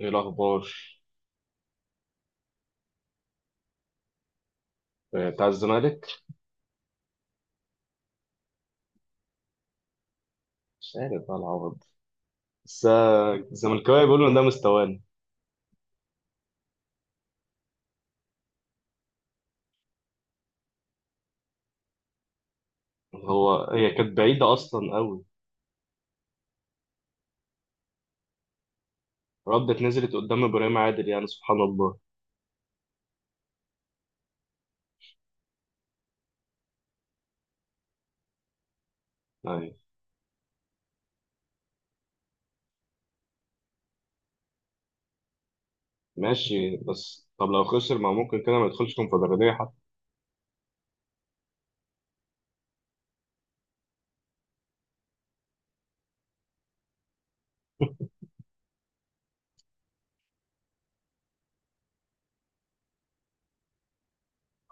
ايه الاخبار؟ آه، بتاع الزمالك. مش عارف بقى العوض. بس الزملكاويه بيقولوا ان ده مستواني. هو هي كانت بعيده اصلا قوي. ردت نزلت قدام ابراهيم عادل، يعني سبحان الله. يعني ماشي، بس طب لو خسر ما ممكن كده ما يدخلش كونفدراليه حتى.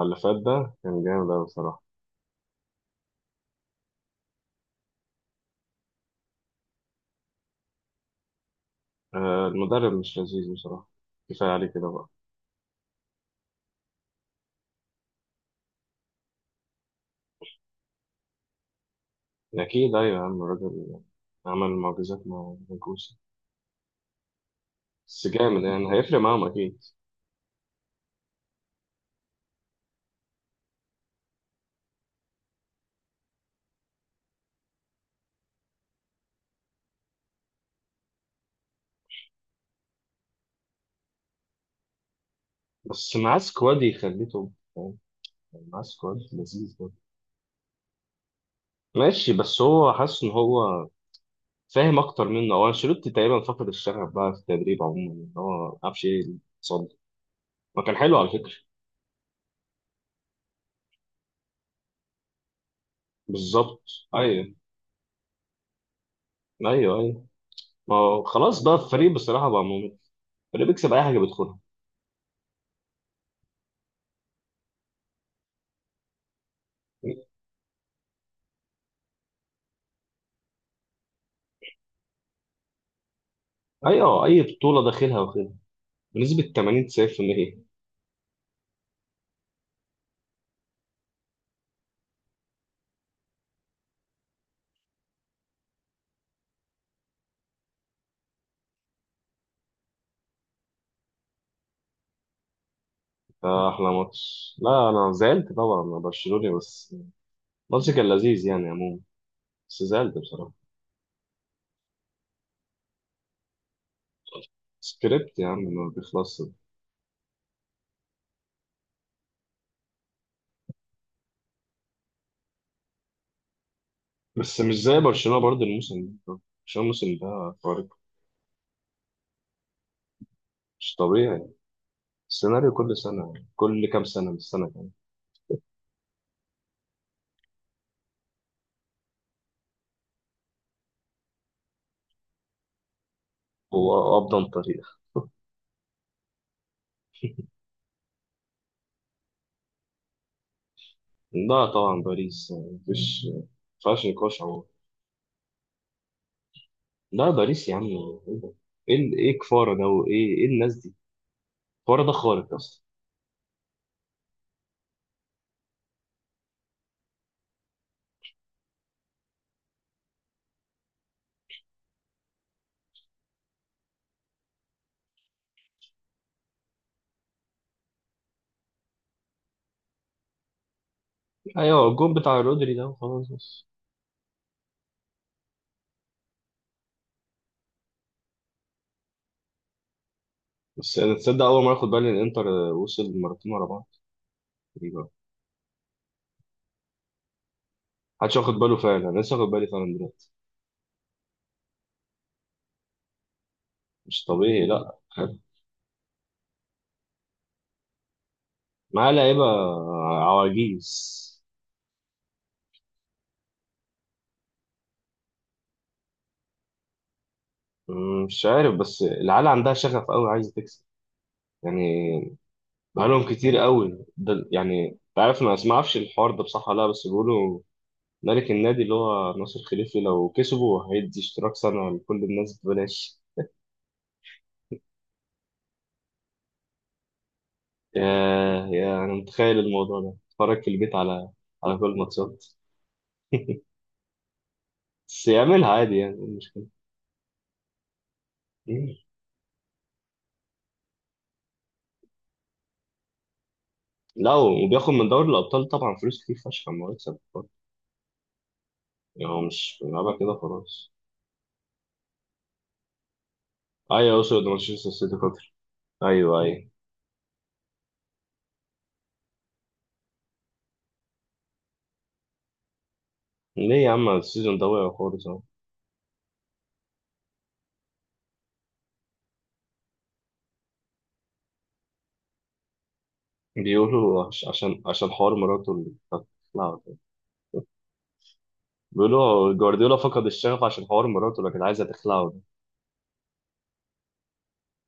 اللي فات ده كان جامد قوي بصراحه. آه، المدرب مش لذيذ بصراحه، كفايه عليه كده بقى. اكيد، ايوه يا عم الراجل. عمل معجزات مع الجوسي. بس جامد، يعني هيفرق معاهم اكيد. بس معاه سكواد يخليه توب، مع سكواد لذيذ برضه. ماشي، بس هو حاسس ان هو فاهم اكتر منه. هو انشيلوتي تقريبا فقد الشغف بقى في التدريب عموما، ان هو ما عرفش ايه اللي حصل له. ما كان حلو على فكره. بالظبط. ايوه. ايوه ايوه. ما هو خلاص بقى الفريق بصراحه بقى ممل. الفريق بيكسب اي حاجه بيدخلها. ايوه، اي بطوله داخلها واخدها، بنسبه 80 90%. ده احلى ماتش. لا انا زعلت طبعا، انا برشلوني. بس الماتش كان لذيذ يعني عموما، بس زعلت بصراحه. سكريبت يا عم ما بيخلصش. بس مش زي برشلونة برضه الموسم ده. برشلونة الموسم ده خارق، مش طبيعي. السيناريو كل سنة، كل كام سنة من السنة يعني. هو أفضل طريق. لا طبعا باريس، يعني مفيش، مفيهاش نقاش عموما. لا باريس يا عم، ايه ده؟ ايه كفارة ده، وايه الناس دي. كفارة ده خارق اصلا. ايوه، الجون بتاع رودري ده وخلاص بس. بس انا تصدق اول مرة اخد بالي ان انتر وصل مرتين ورا بعض. غريبة. محدش واخد باله فعلا، انا لسه واخد بالي فعلا دلوقتي. مش طبيعي، لا. معاه لعيبة عواجيز. مش عارف، بس العيال عندها شغف قوي عايزة تكسب يعني. بقالهم كتير قوي ده يعني، انت عارف، ما اعرفش الحوار ده بصح ولا لا، بس بيقولوا ملك النادي اللي هو ناصر خليفي لو كسبوا هيدي اشتراك سنة لكل الناس ببلاش. يا يا انا متخيل الموضوع ده، اتفرج في البيت على على كل الماتشات. بس يعملها عادي، يعني إيه المشكلة؟ مم. لا، وبياخد من دوري الأبطال طبعا فلوس كتير فشخ أما يكسب. يعني هو مش بيلعبها كده خلاص. ايوه، اقصد مانشستر سيتي خاطر. ايوه ايوه. ليه يا عم السيزون ده وقع خالص اهو؟ بيقولوا عشان حوار مراته اللي كانت تخلعه ده. بيقولوا جوارديولا فقد الشغف عشان حوار مراته اللي كانت عايزه تخلعه ده.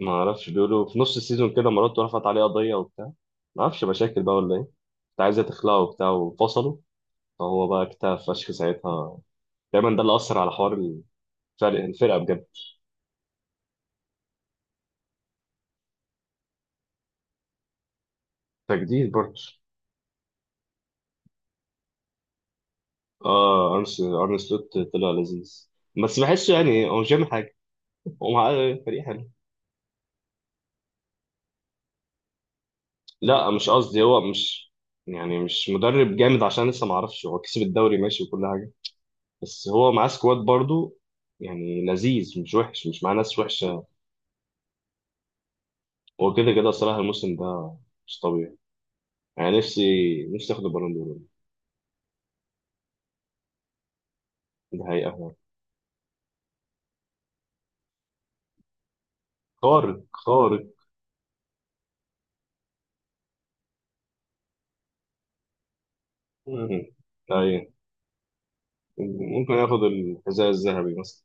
ما اعرفش، بيقولوا في نص السيزون كده مراته رفعت عليه قضيه وبتاع. ما اعرفش مشاكل بقى ولا ايه كانت. عايزه تخلعه وبتاع وفصلوا. فهو بقى اكتئب فشخ ساعتها. دايما ده اللي اثر على حوار الفرق، الفرقه بجد. تجديد برضه. اه، أرن سلوت طلع لذيذ. بس بحسه يعني هو مش بيعمل حاجه. هو معاه فريق حلو. لا مش قصدي هو مش، يعني مش مدرب جامد عشان لسه ما اعرفش، هو كسب الدوري ماشي وكل حاجه، بس هو معاه سكواد برضو، يعني لذيذ مش وحش، مش معاه ناس وحشه. هو كده كده صراحه الموسم ده مش طبيعي. يعني نفسي نفسي اخد البالون دور. ده حقيقه. خارق خارق. مم. ايوه. ممكن ياخد الحذاء الذهبي مثلا.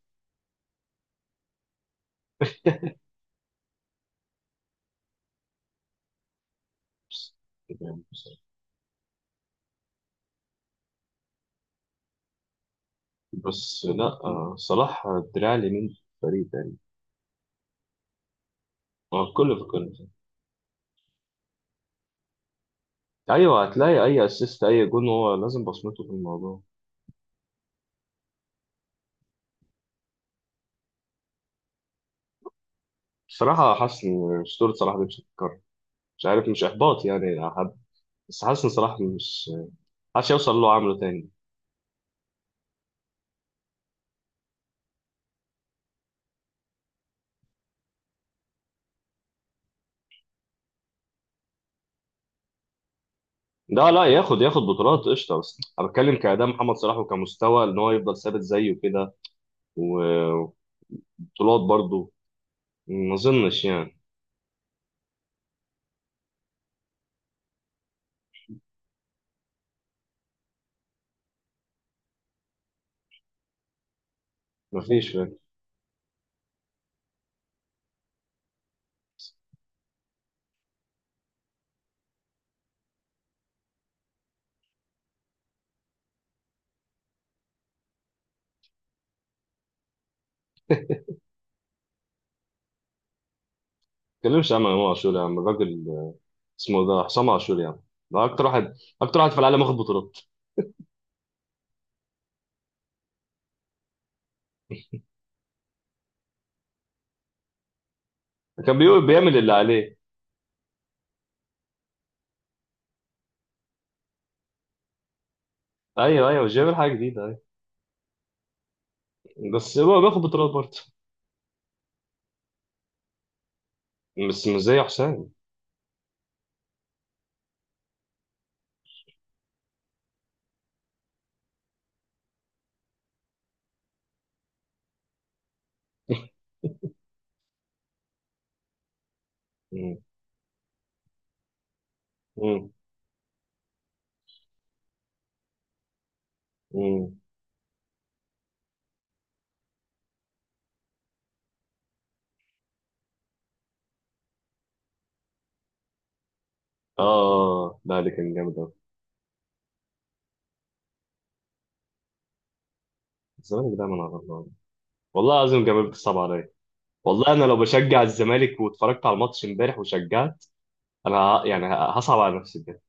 بس لا، صلاح الدراع اليمين، فريق تقريبا. اه كله في كله. ايوه، هتلاقي اي اسيست اي جون هو لازم بصمته في الموضوع. بصراحه حاسس ان اسطوره صلاح دي مش هتتكرر. مش عارف، مش احباط يعني حد، بس حاسس ان صلاح مش حاسس يوصل اللي هو عامله تاني. ده لا ياخد ياخد بطولات قشطه، بس انا بتكلم كاداء محمد صلاح وكمستوى ان هو يفضل ثابت زيه كده، و- وبطولات برضه. ما اظنش يعني. ما فيش، فاهم؟ ما تتكلمش عن امام عاشور يا عم الراجل، اسمه ده حسام عاشور يا عم. ده اكتر واحد، اكتر واحد في العالم واخد بطولات. كان بيقول- بيعمل اللي عليه. ايوه ايوه، مش بيعمل حاجه جديده. بس هو باخد بطولات برضه، بس مش زي حسام. مم. مم. مم. اه، لا ده كان جامد قوي. الزمالك دايما على الله. والله العظيم جمال بتصعب عليا. والله انا لو بشجع الزمالك واتفرجت على الماتش امبارح وشجعت، انا ه- يعني ه- هصعب على نفسي بجد.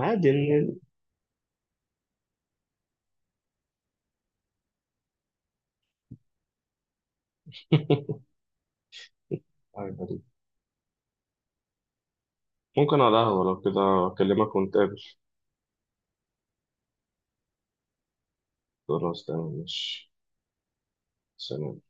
عادي إن-. حاجة غريبة. ممكن على القهوة، لو كده اكلمك ونتقابل. خلاص تمام، ماشي. سلام.